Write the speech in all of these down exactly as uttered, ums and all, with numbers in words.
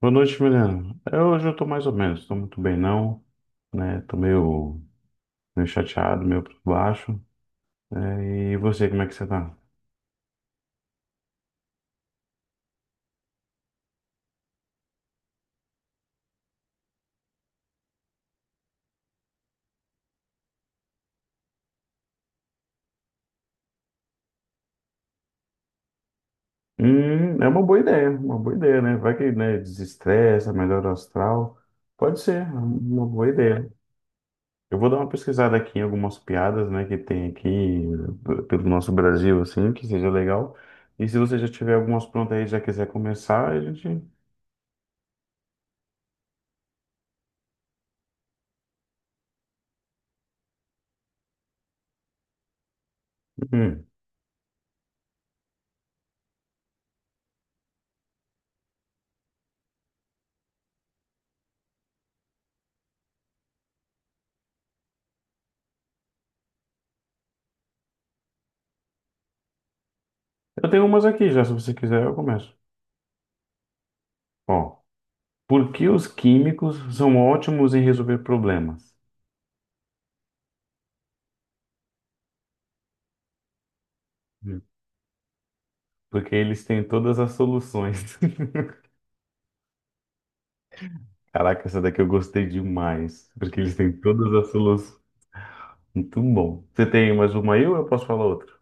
Boa noite, Milena. Eu, hoje eu tô mais ou menos, tô muito bem não, né? Tô meio, meio chateado, meio pra baixo. Né? E você, como é que você tá? Hum, é uma boa ideia, uma boa ideia, né? Vai que, né, desestressa, melhora o astral. Pode ser, é uma boa ideia. Eu vou dar uma pesquisada aqui em algumas piadas, né, que tem aqui p- pelo nosso Brasil, assim, que seja legal. E se você já tiver algumas prontas aí, já quiser começar, a gente... Hum. Eu tenho umas aqui já, se você quiser, eu começo. Bom. Por que os químicos são ótimos em resolver problemas? Hum. Porque eles têm todas as soluções. Caraca, essa daqui eu gostei demais. Porque eles têm todas as soluções. Muito bom. Você tem mais uma aí ou eu posso falar outra?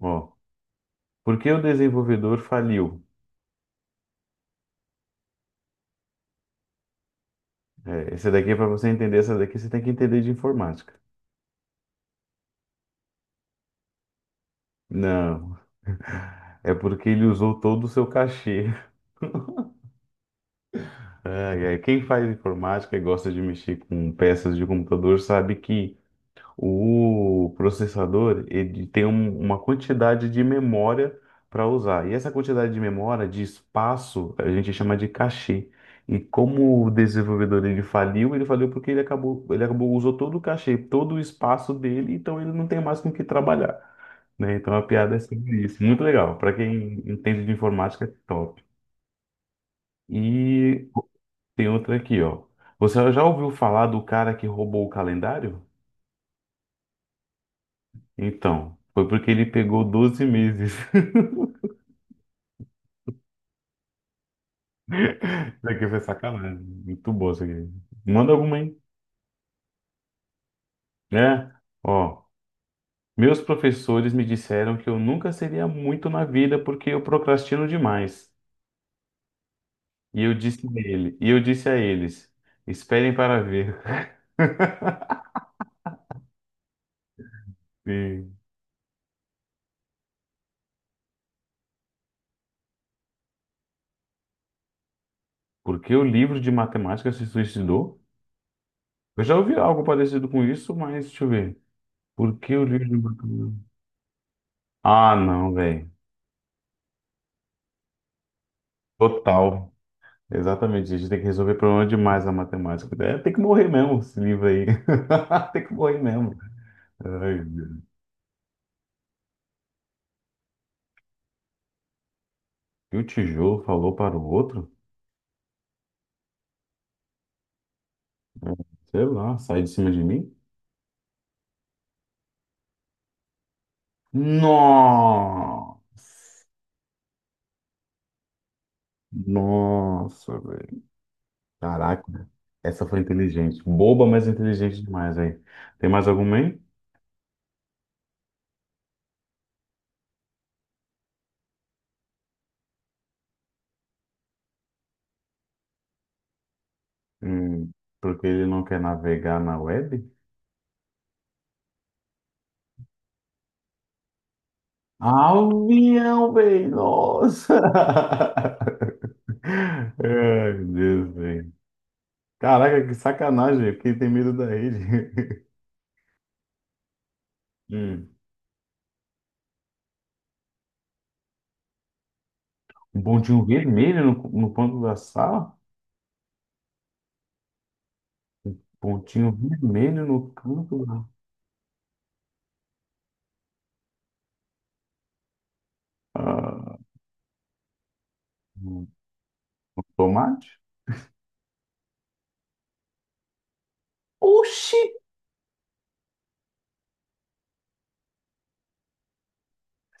Ó, por que o desenvolvedor faliu? É, essa daqui, para você entender essa daqui, você tem que entender de informática. Não, é porque ele usou todo o seu cachê. Ai, ai, quem faz informática e gosta de mexer com peças de computador sabe que o processador, ele tem um- uma quantidade de memória para usar. E essa quantidade de memória, de espaço, a gente chama de cachê. E como o desenvolvedor ele faliu, ele faliu porque ele acabou, ele acabou, usou todo o cachê, todo o espaço dele, então ele não tem mais com o que trabalhar, né? Então a piada é sobre isso. Muito legal. Para quem entende de informática, é top. E tem outra aqui, ó. Você já ouviu falar do cara que roubou o calendário? Então, foi porque ele pegou doze meses. Isso aqui foi sacanagem. Muito bom isso aqui. Manda alguma, hein? É. Ó, meus professores me disseram que eu nunca seria muito na vida porque eu procrastino demais. E eu disse a ele, e eu disse a eles, esperem para ver. E por que o livro de matemática se suicidou? Eu já ouvi algo parecido com isso, mas deixa eu ver. Por que o livro de matemática? Ah, não, velho. Total. Exatamente, a gente tem que resolver problema demais na matemática. É, tem que morrer mesmo, esse livro aí. Tem que morrer mesmo. Ai, meu... E o tijolo falou para o outro? Sei lá, sai de cima de mim? Nossa! Nossa, velho. Caraca, essa foi inteligente. Boba, mas inteligente demais aí. Tem mais algum aí? Hum, porque ele não quer navegar na web? Ah, o avião, velho! Nossa! Ai, Deus, velho. Caraca, que sacanagem. Velho. Quem tem medo da rede? Hum. Um pontinho vermelho no, no canto da sala? Pontinho vermelho no canto da... Ah, um tomate? Oxi!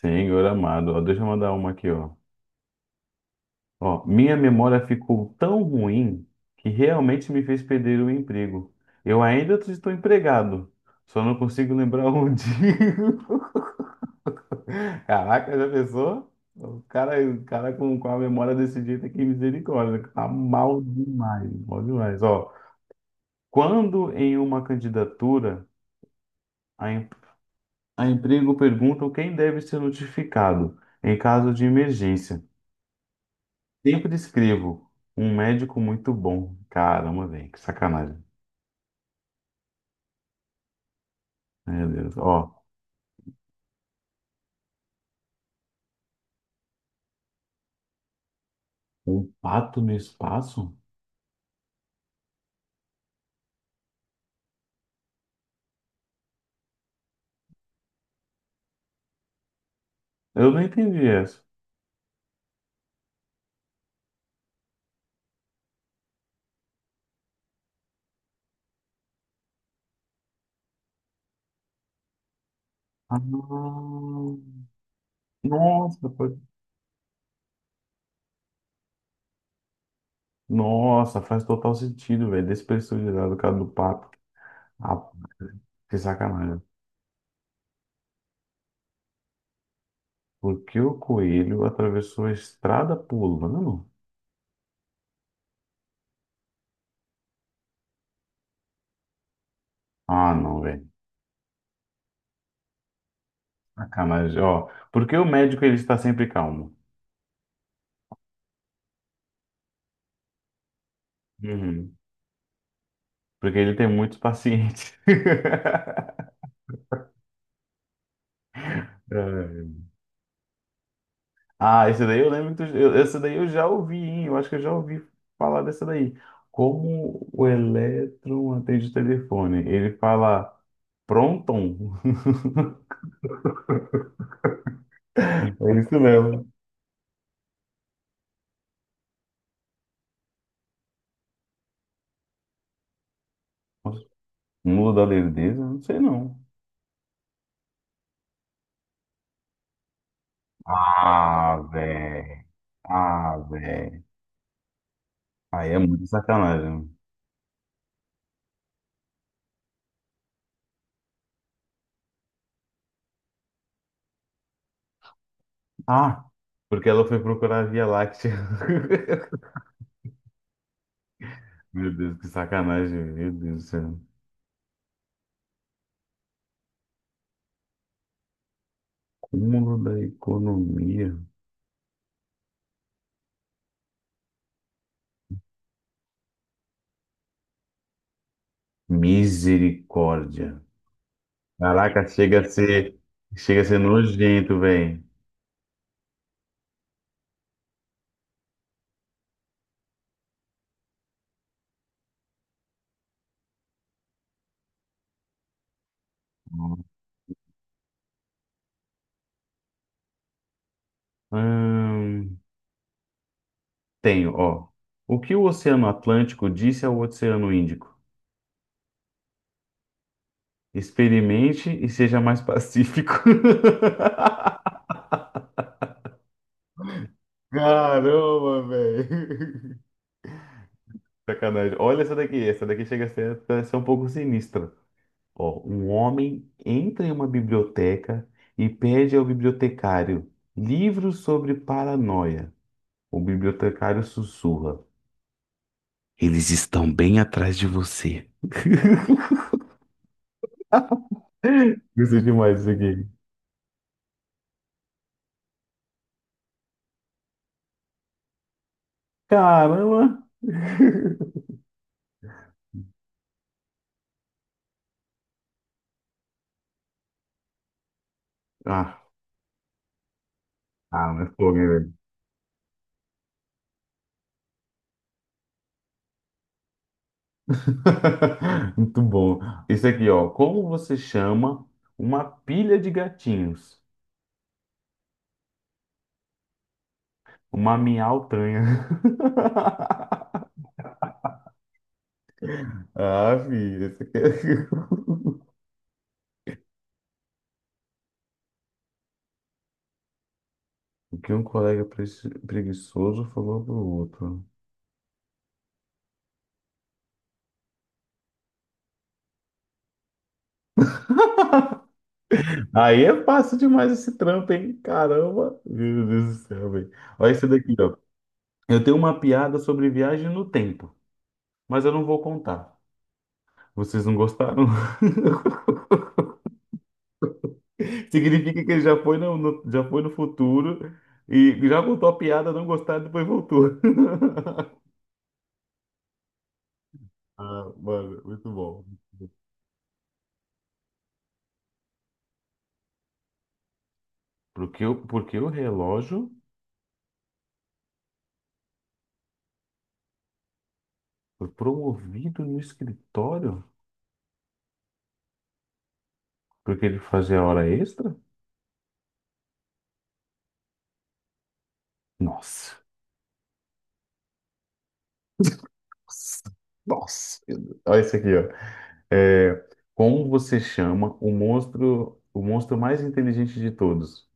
Senhor amado, ó, deixa eu mandar uma aqui, ó. Ó, minha memória ficou tão ruim que realmente me fez perder o emprego. Eu ainda estou empregado, só não consigo lembrar onde. Caraca, essa pessoa, o cara, o cara com, com a memória desse jeito aqui, misericórdia, tá mal demais, mal demais. Ó, quando em uma candidatura a, em- a emprego perguntam quem deve ser notificado em caso de emergência, sempre escrevo um médico muito bom. Caramba, velho, que sacanagem. Meu Deus, ó, um pato no espaço? Eu não entendi essa. Ah, nossa, nossa, faz total sentido, velho. Despressurizado o cara do pato. Ah, que sacanagem. Porque o coelho atravessou a estrada pulando? Ah, não, velho. Sacanagem. Ó, porque o médico ele está sempre calmo? Uhum. Porque ele tem muitos pacientes. É. Ah, esse daí eu lembro que tu, eu, esse daí eu já ouvi, hein? Eu acho que eu já ouvi falar dessa daí. Como o elétron atende o telefone. Ele fala pronton. É isso mesmo. Mula da Lerdeza? Não sei não. Ah, velho. Ah, velho. Aí é muito sacanagem. Ah, porque ela foi procurar a Via Láctea. Meu Deus, que sacanagem. Meu Deus do céu. Cúmulo da economia. Misericórdia. Caraca, chega a ser, chega a ser nojento, velho. Hum, tenho, ó. O que o Oceano Atlântico disse ao Oceano Índico? Experimente e seja mais pacífico. Caramba, velho. Sacanagem. Olha essa daqui. Essa daqui chega a ser, a ser um pouco sinistra. Ó, um homem entra em uma biblioteca e pede ao bibliotecário livros sobre paranoia. O bibliotecário sussurra. Eles estão bem atrás de você. Gostei demais disso aqui. Caramba! Ah, ah, mas pô, né, velho? Muito bom. Isso aqui, ó. Como você chama uma pilha de gatinhos? Uma miautanha. Ah, filho, esse aqui é... O que um colega pre- preguiçoso falou pro outro. Aí é fácil demais esse trampo, hein? Caramba! Meu Deus do céu, velho. Olha esse daqui, ó. Eu tenho uma piada sobre viagem no tempo, mas eu não vou contar. Vocês não gostaram? Significa que ele já foi no, no- já foi no futuro e já contou a piada, não gostaram, depois voltou. Ah, mano, muito bom. Porque o, porque o relógio foi promovido no escritório? Porque ele fazia hora extra? Nossa. Nossa. Nossa, meu Deus. Olha isso aqui, ó. É, como você chama o monstro, o monstro mais inteligente de todos?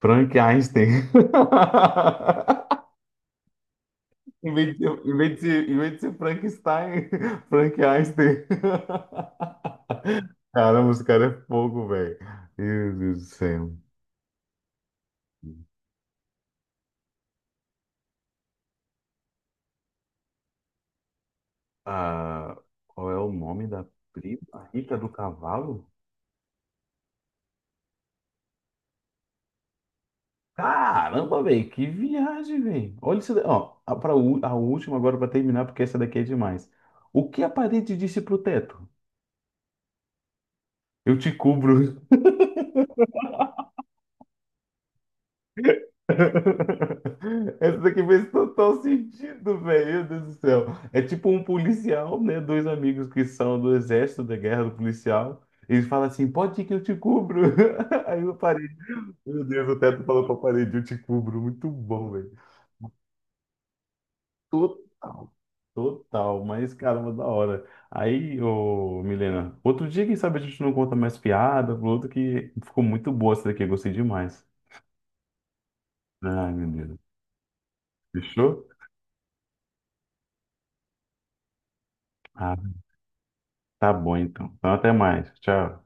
Frank Einstein. Em vez de, em vez de, ser- em vez de ser Frankenstein, Frank Einstein. Caramba, esse cara é fogo, velho. Meu Deus do céu. Ah, qual é o nome da prima rica do cavalo? Caramba, velho, que viagem, velho. Olha isso, da- ó, a, pra, u- a última agora para terminar, porque essa daqui é demais. O que a parede disse pro teto? Eu te cubro. Essa daqui fez total sentido, velho. Meu Deus do céu. É tipo um policial, né? Dois amigos que são do exército da guerra do policial. Eles falam assim: pode ir que eu te cubro. Aí o parede, meu Deus, o teto falou pra parede: eu te cubro. Muito bom, velho. Total, total. Mas caramba, da hora. Aí, ô Milena, outro dia, quem sabe a gente não conta mais piada, outro que ficou muito boa essa daqui. Eu gostei demais. Ai, meu Deus. Fechou? Ah, tá bom, então. Então, até mais. Tchau.